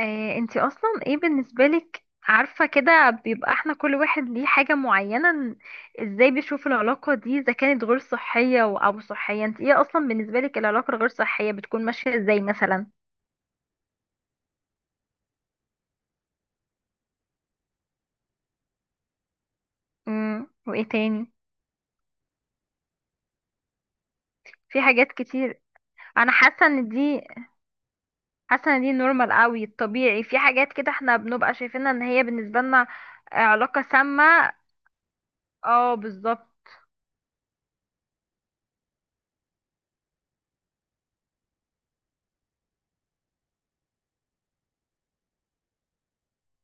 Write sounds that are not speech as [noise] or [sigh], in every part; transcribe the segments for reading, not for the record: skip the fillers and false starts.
انتي اصلا ايه بالنسبة لك، عارفة كده بيبقى احنا كل واحد ليه حاجة معينة ازاي بيشوف العلاقة دي اذا كانت غير صحية او صحية؟ انت ايه اصلا بالنسبة لك العلاقة الغير صحية بتكون ماشية ازاي مثلا؟ وايه تاني؟ في حاجات كتير. انا حاسة ان دي نورمال قوي، الطبيعي في حاجات كده احنا بنبقى شايفينها ان هي بالنسبة لنا علاقة سامة. اه، بالظبط.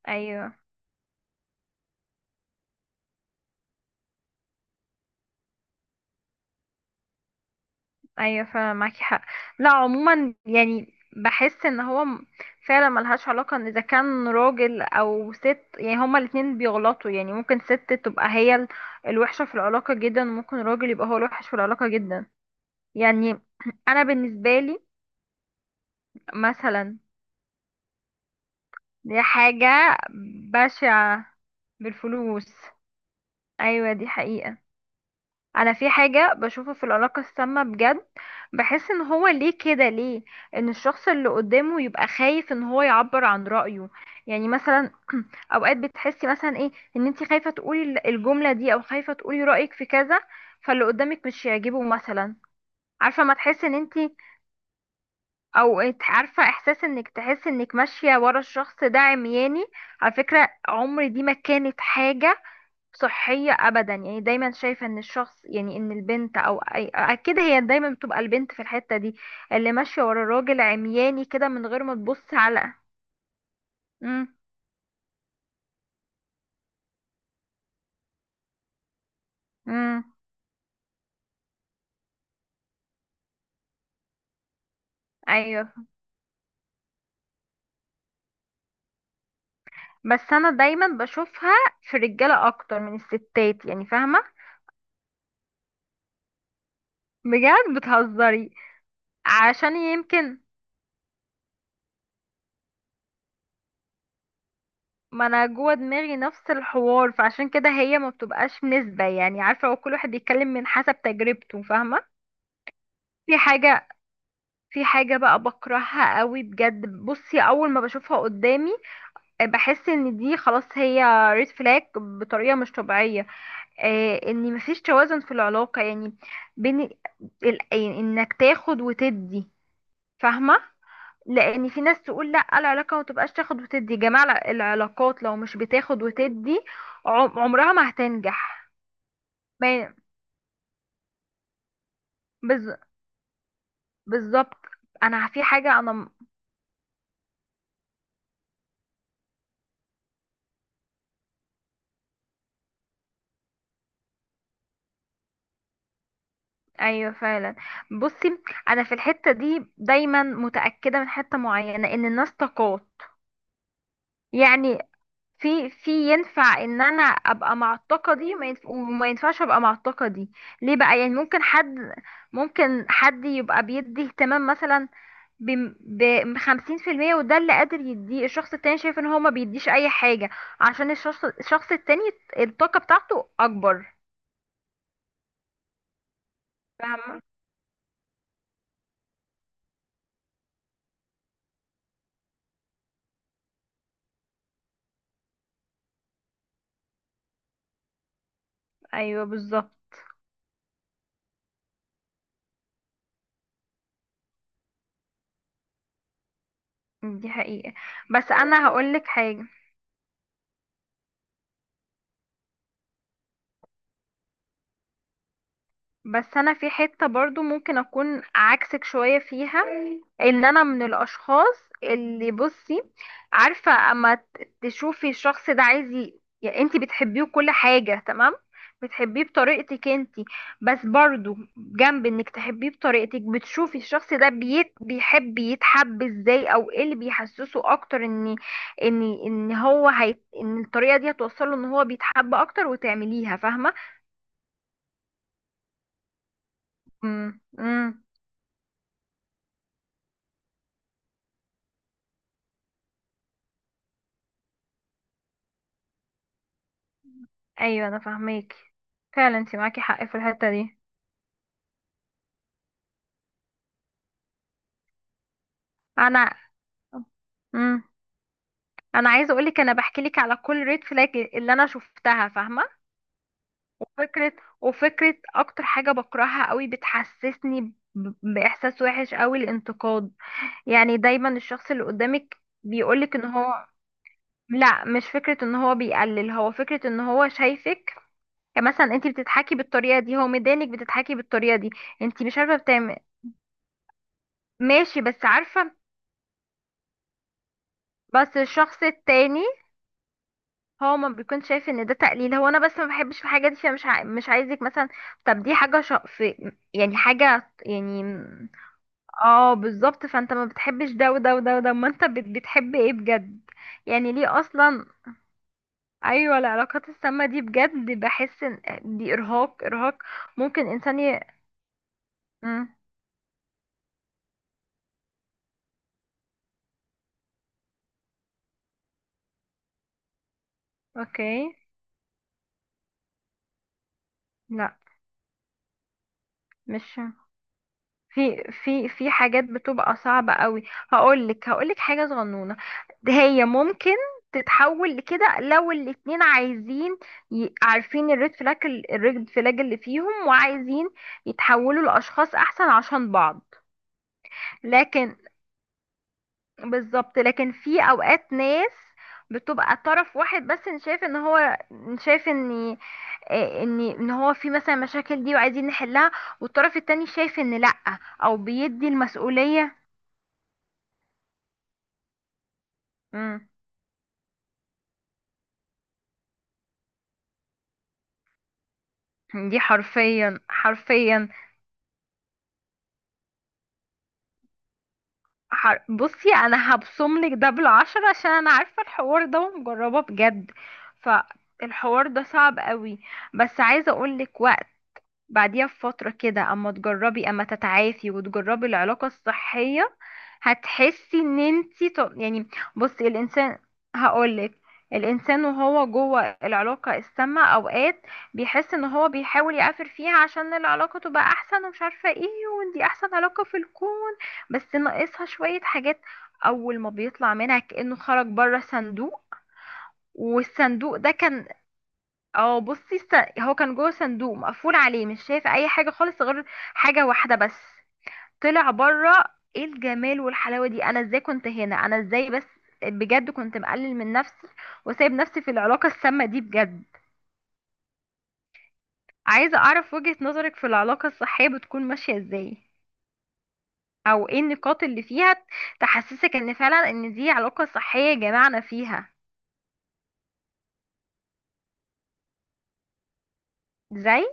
ايوه. ايوه فعلا معاكي حق. لا، عموما يعني بحس ان هو فعلا ملهاش علاقة ان اذا كان راجل او ست، يعني هما الاتنين بيغلطوا، يعني ممكن ست تبقى هي الوحشة في العلاقة جدا، وممكن راجل يبقى هو الوحش في العلاقة جدا. يعني [clears throat] انا بالنسبة لي مثلا دي حاجة بشعة. بالفلوس. ايوه دي حقيقة. انا في حاجة بشوفه في العلاقة السامة بجد، بحس ان هو ليه كده، ليه ان الشخص اللي قدامه يبقى خايف ان هو يعبر عن رأيه. يعني مثلا اوقات بتحسي مثلا ايه، ان انت خايفة تقولي الجملة دي، او خايفة تقولي رأيك في كذا فاللي قدامك مش يعجبه مثلا. عارفة ما تحس ان انت، عارفة احساس انك تحس انك ماشية ورا الشخص ده عمياني. على فكرة عمري دي ما كانت حاجة صحية أبدا، يعني دايما شايفة إن الشخص، يعني إن البنت أو أي، أكيد هي دايما بتبقى البنت في الحتة دي، اللي ماشية ورا الراجل عمياني كده من غير ما تبص على. امم امم أيوه. بس أنا دايما بشوفها في الرجالة أكتر من الستات، يعني فاهمة؟ بجد بتهزري؟ عشان يمكن، ما أنا جوه دماغي نفس الحوار، فعشان كده هي ما بتبقاش نسبة، يعني عارفة هو كل واحد بيتكلم من حسب تجربته، فاهمة؟ في حاجة في حاجة بقى بكرهها قوي بجد، بصي اول ما بشوفها قدامي، بحس ان دي خلاص هي ريد فلاج بطريقة مش طبيعية. ان مفيش توازن في العلاقة، يعني بين، يعني انك تاخد وتدي. فاهمة؟ لان في ناس تقول لا العلاقة ما تبقاش تاخد وتدي يا جماعة، العلاقات لو مش بتاخد وتدي عمرها ما هتنجح. ما- بز- بالظبط. انا في حاجة انا. ايوه فعلا. بصي انا في الحته دي دايما متاكده من حته معينه ان الناس طاقات، يعني في، في، ينفع ان انا ابقى مع الطاقه دي، وما ينفعش ابقى مع الطاقه دي. ليه بقى؟ يعني ممكن حد يبقى بيدي اهتمام مثلا ب 50%، وده اللي قادر يديه، الشخص التاني شايف ان هو ما بيديش اي حاجه عشان الشخص التاني الطاقه بتاعته اكبر. فاهمه. ايوه بالظبط دي حقيقه. بس انا هقولك حاجه، بس انا في حتة برضو ممكن اكون عكسك شوية فيها، ان انا من الاشخاص اللي، بصي عارفة اما تشوفي الشخص ده عايز، يعني انتي بتحبيه كل حاجة تمام، بتحبيه بطريقتك انتي، بس برضو جنب انك تحبيه بطريقتك بتشوفي الشخص ده بيت بيحب يتحب ازاي، او ايه اللي بيحسسه اكتر ان هو هي، ان الطريقة دي هتوصله ان هو بيتحب اكتر، وتعمليها. فاهمة؟ امم. ايوه انا فاهماكي. فعلا انت معاكي حق في الحته دي. انا، امم، انا عايزه اقول لك، انا بحكي لك على كل ريد فلاج اللي انا شفتها. فاهمه؟ وفكره وفكره اكتر حاجه بكرهها قوي بتحسسني باحساس وحش قوي، الانتقاد. يعني دايما الشخص اللي قدامك بيقولك ان هو، لا مش فكره ان هو بيقلل، هو فكره ان هو شايفك، يعني مثلا انت بتضحكي بالطريقه دي هو مدانك بتضحكي بالطريقه دي، انت مش عارفه بتعمل. ماشي، بس عارفه، بس الشخص التاني هو ما بيكون شايف ان ده تقليل، هو انا بس ما بحبش في حاجه دي، فمش مش عايزك مثلا، طب دي حاجه في يعني حاجه، يعني، اه بالظبط. فانت ما بتحبش ده وده وده وده، ما انت بتحب ايه بجد؟ يعني ليه اصلا؟ ايوه العلاقات السامه دي بجد بحس ان دي ارهاق، ارهاق. ممكن انسان مم. اوكي. لا. مش، في، حاجات بتبقى صعبة قوي. هقولك حاجة صغنونة، هي ممكن تتحول لكده لو الاتنين عايزين، عارفين الريد فلاج اللي فيهم، وعايزين يتحولوا لأشخاص أحسن عشان بعض. لكن، بالظبط، لكن في أوقات ناس بتبقى طرف واحد بس، إن شايف ان هو، إن شايف ان ان هو في مثلا مشاكل دي وعايزين نحلها، والطرف التاني شايف ان لأ، او بيدي المسؤولية. مم. دي حرفيا، حرفيا. بصي انا هبصم لك ده بالعشرة عشان انا عارفه الحوار ده ومجربه بجد، فالحوار ده صعب قوي، بس عايزه اقول لك، بعديها بفترة كده اما تجربي، اما تتعافي وتجربي العلاقة الصحية، هتحسي ان انتي يعني. بصي الانسان، هقولك، الانسان وهو جوه العلاقة السامة اوقات بيحس ان هو بيحاول يعافر فيها عشان العلاقة تبقى احسن ومش عارفة ايه، وان دي احسن علاقة في الكون بس ناقصها شوية حاجات. اول ما بيطلع منها كأنه خرج بره صندوق، والصندوق ده كان، اه بصي، هو كان جوه صندوق مقفول عليه مش شايف اي حاجه خالص غير حاجه واحده بس. طلع بره، ايه الجمال والحلاوه دي! انا ازاي كنت هنا؟ انا ازاي بس! بجد كنت مقلل من نفسي وسايب نفسي في العلاقه السامه دي بجد. عايزه اعرف وجهه نظرك في العلاقه الصحيه، بتكون ماشيه ازاي، او ايه النقاط اللي فيها تحسسك ان فعلا ان دي علاقه صحيه جمعنا فيها؟ ازاي؟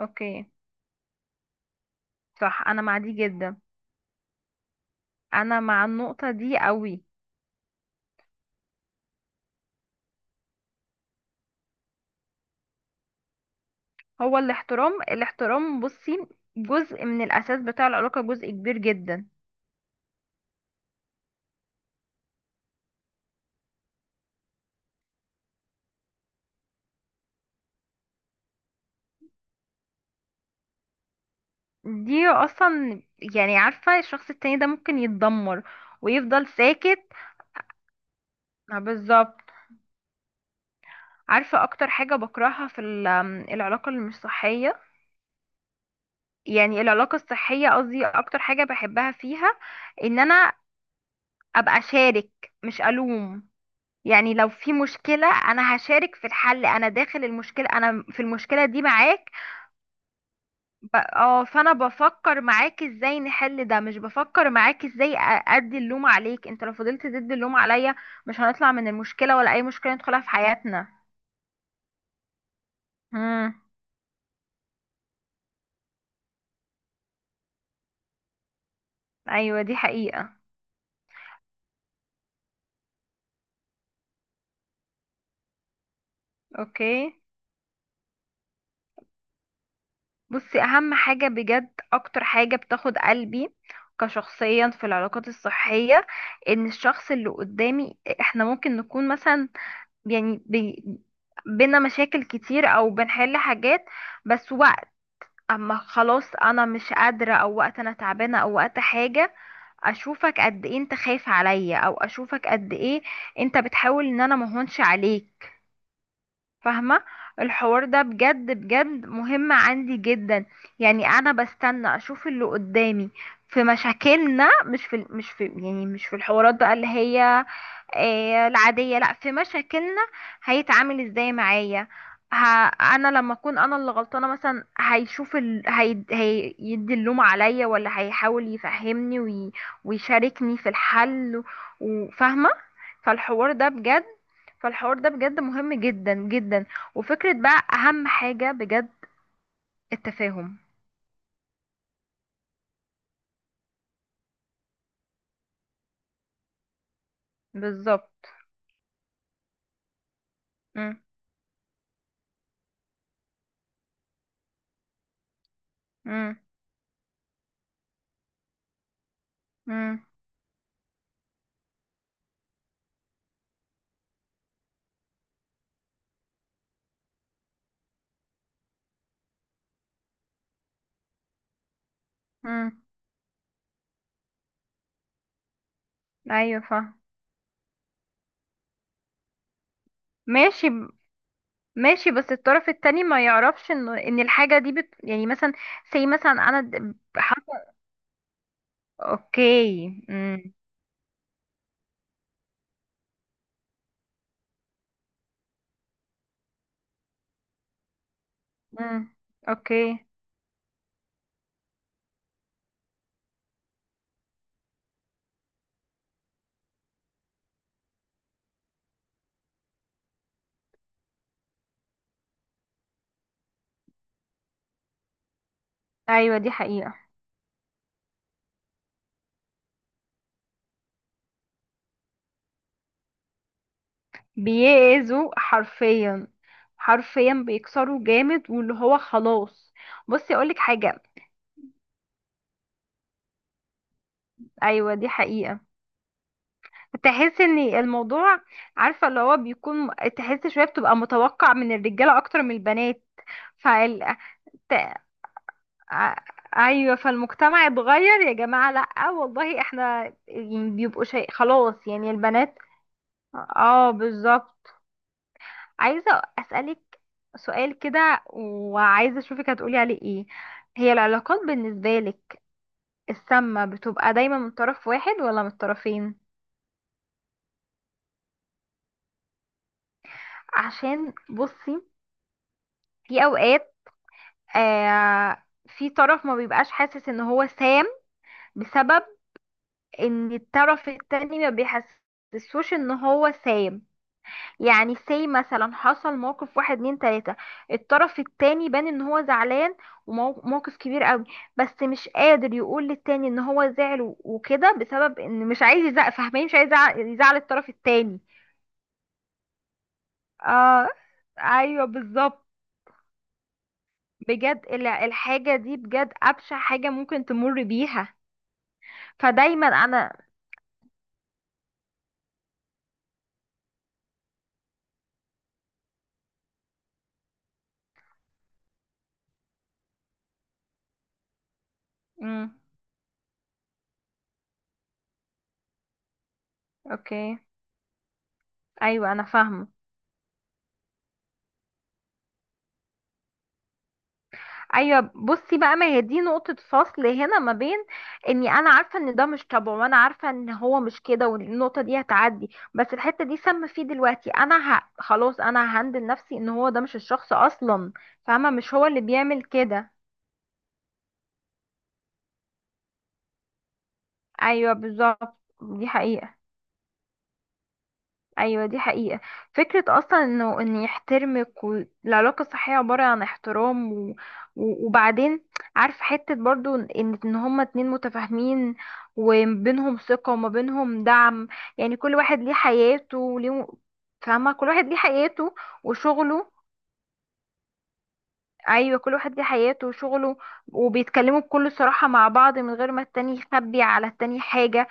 اوكي. صح، انا مع دي جدا، انا مع النقطه دي قوي. هو الاحترام، الاحترام، بصي جزء من الأساس بتاع العلاقة، جزء كبير جدا. دي أصلا، يعني عارفة الشخص التاني ده ممكن يتدمر ويفضل ساكت. بالظبط. عارفة أكتر حاجة بكرهها في ال- آم، العلاقة اللي مش صحية، يعني العلاقة الصحية، قصدي أكتر حاجة بحبها فيها، إن أنا أبقى شارك مش ألوم. يعني لو في مشكلة، أنا هشارك في الحل، أنا داخل المشكلة، أنا في المشكلة دي معاك. فانا بفكر معاك ازاي نحل ده، مش بفكر معاك ازاي ادي اللوم عليك. انت لو فضلت تدي اللوم عليا مش هنطلع من المشكلة، ولا اي مشكلة ندخلها في حياتنا. امم. ايوه دي حقيقة. اوكي. بصي اهم حاجة بجد، اكتر حاجة بتاخد قلبي كشخصيا في العلاقات الصحية، ان الشخص اللي قدامي، احنا ممكن نكون مثلا، يعني بينا مشاكل كتير، او بنحل حاجات، بس وقت اما خلاص انا مش قادرة، او وقت انا تعبانة، او وقت حاجة، اشوفك قد ايه انت خايف عليا، او اشوفك قد ايه انت بتحاول ان انا مهونش عليك. فاهمة؟ الحوار ده بجد بجد مهم عندي جدا، يعني انا بستنى اشوف اللي قدامي في مشاكلنا، مش في، مش في، يعني مش في الحوارات بقى اللي هي إيه، العادية، لا، في مشاكلنا هيتعامل ازاي معايا. ه... انا لما اكون انا اللي غلطانة مثلا، هيشوف هيدي اللوم عليا، ولا هيحاول يفهمني ويشاركني في الحل، وفاهمة؟ فالحوار ده بجد فالحوار ده بجد مهم جدا جدا. وفكرة بقى اهم حاجة بجد، التفاهم. بالظبط. مم. مم. مم. مم. ايوه فاهم. ماشي. ماشي، بس الطرف التاني ما يعرفش ان ان الحاجة دي يعني مثلا، سي مثلا انا اوكي، امم. امم اوكي. ايوه دي حقيقة. بيأذوا حرفيا، حرفيا بيكسروا جامد واللي هو خلاص. بصي اقولك حاجة. ايوه دي حقيقة. تحس ان الموضوع، عارفة اللي هو بيكون، تحس شوية بتبقى متوقع من الرجالة اكتر من البنات. فال... ع- ايوه فالمجتمع اتغير يا جماعه، لا والله احنا يعني بيبقوا شيء خلاص يعني البنات. اه بالظبط. عايزه اسالك سؤال كده، وعايزه اشوفك هتقولي عليه ايه. هي العلاقات بالنسبه لك السامه بتبقى دايما من طرف واحد، ولا من الطرفين؟ عشان بصي في اوقات، آه في طرف ما بيبقاش حاسس ان هو سام بسبب ان الطرف التاني ما بيحسسوش ان هو سام. يعني سي مثلا حصل موقف واحد اتنين تلاتة، الطرف التاني بان ان هو زعلان وموقف كبير قوي، بس مش قادر يقول للتاني ان هو زعل وكده بسبب ان مش عايز يزعل. فاهمين؟ مش عايز يزعل، يزعل الطرف التاني. اه. ايوه بالظبط. بجد الحاجة دي بجد أبشع حاجة ممكن تمر بيها. فدايما انا. امم. اوكي. ايوه انا فاهمة. ايوه بصي بقى، ما هي دي نقطة فصل هنا ما بين، اني انا عارفة ان ده مش طبعه، وانا عارفة ان هو مش كده والنقطة دي هتعدي، بس الحتة دي سامة فيه دلوقتي، انا خلاص انا ههندل نفسي ان هو ده مش الشخص اصلا. فاهمة؟ مش هو اللي بيعمل كده. ايوه بالظبط، دي حقيقة. ايوه دي حقيقة. فكرة اصلا انه ان يحترمك، والعلاقة الصحية عبارة عن احترام، وبعدين، عارف، حتة برضو ان هما اتنين متفاهمين، وما بينهم ثقة وما بينهم دعم، يعني كل واحد ليه حياته وليه، فاهمة؟ كل واحد ليه حياته وشغله. ايوه، كل واحد ليه حياته وشغله، وبيتكلموا بكل صراحة مع بعض من غير ما التاني يخبي على التاني حاجة.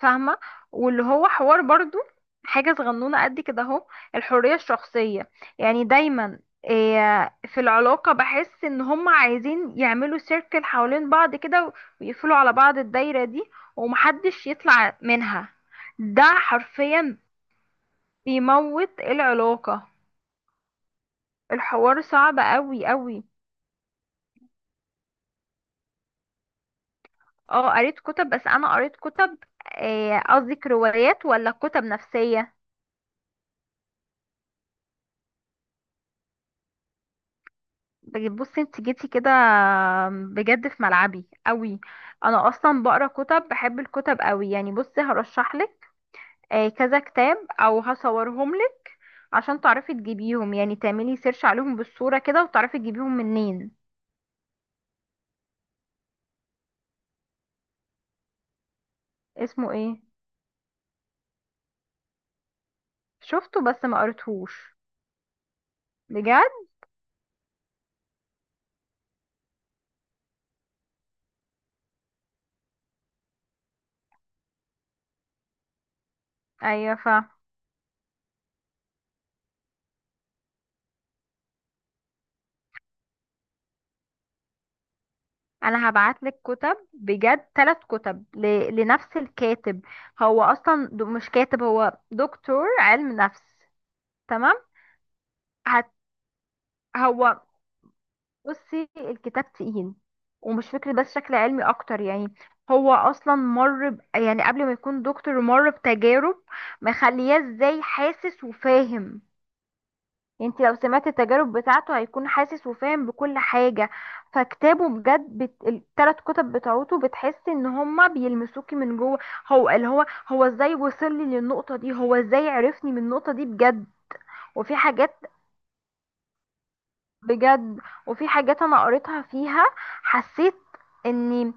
فاهمة؟ واللي هو حوار برضو، حاجة صغنونة قد كده اهو، الحرية الشخصية، يعني دايما في العلاقة بحس ان هم عايزين يعملوا سيركل حوالين بعض كده، ويقفلوا على بعض الدايرة دي ومحدش يطلع منها. ده حرفيا بيموت العلاقة. الحوار صعب قوي قوي. اه قريت كتب، بس انا قريت كتب، قصدي روايات ولا كتب نفسية؟ بصي انت جيتي كده بجد في ملعبي قوي. انا اصلا بقرا كتب، بحب الكتب قوي. يعني بصي هرشح لك كذا كتاب، او هصورهم لك عشان تعرفي تجيبيهم، يعني تعملي سيرش عليهم بالصورة كده وتعرفي تجيبيهم منين. اسمه ايه؟ شفته بس ما قريتهوش. بجد؟ ايوه انا هبعت لك كتب بجد، ثلاث كتب لنفس الكاتب. هو اصلا مش كاتب، هو دكتور علم نفس. تمام. هت... هو بصي الكتاب تقيل، ومش فكرة بس شكل علمي اكتر يعني. هو اصلا مر يعني قبل ما يكون دكتور مر بتجارب مخلياه ازاي حاسس وفاهم. انت لو سمعت التجارب بتاعته هيكون حاسس وفاهم بكل حاجة، فكتابه بجد التلات كتب بتاعته بتحس ان هما بيلمسوكي من جوه. هو اللي هو، هو ازاي وصل لي للنقطة دي، هو ازاي عرفني من النقطة دي بجد. وفي حاجات بجد، وفي حاجات انا قريتها فيها، حسيت اني،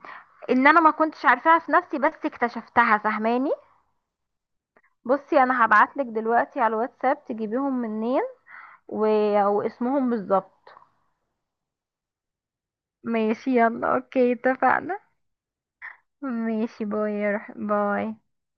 ان انا ما كنتش عارفاها في نفسي بس اكتشفتها. فاهماني؟ بصي انا هبعتلك دلوقتي على الواتساب تجيبيهم منين، و، واسمهم بالظبط. ماشي، يلا اوكي، اتفقنا. ماشي باي يا باي.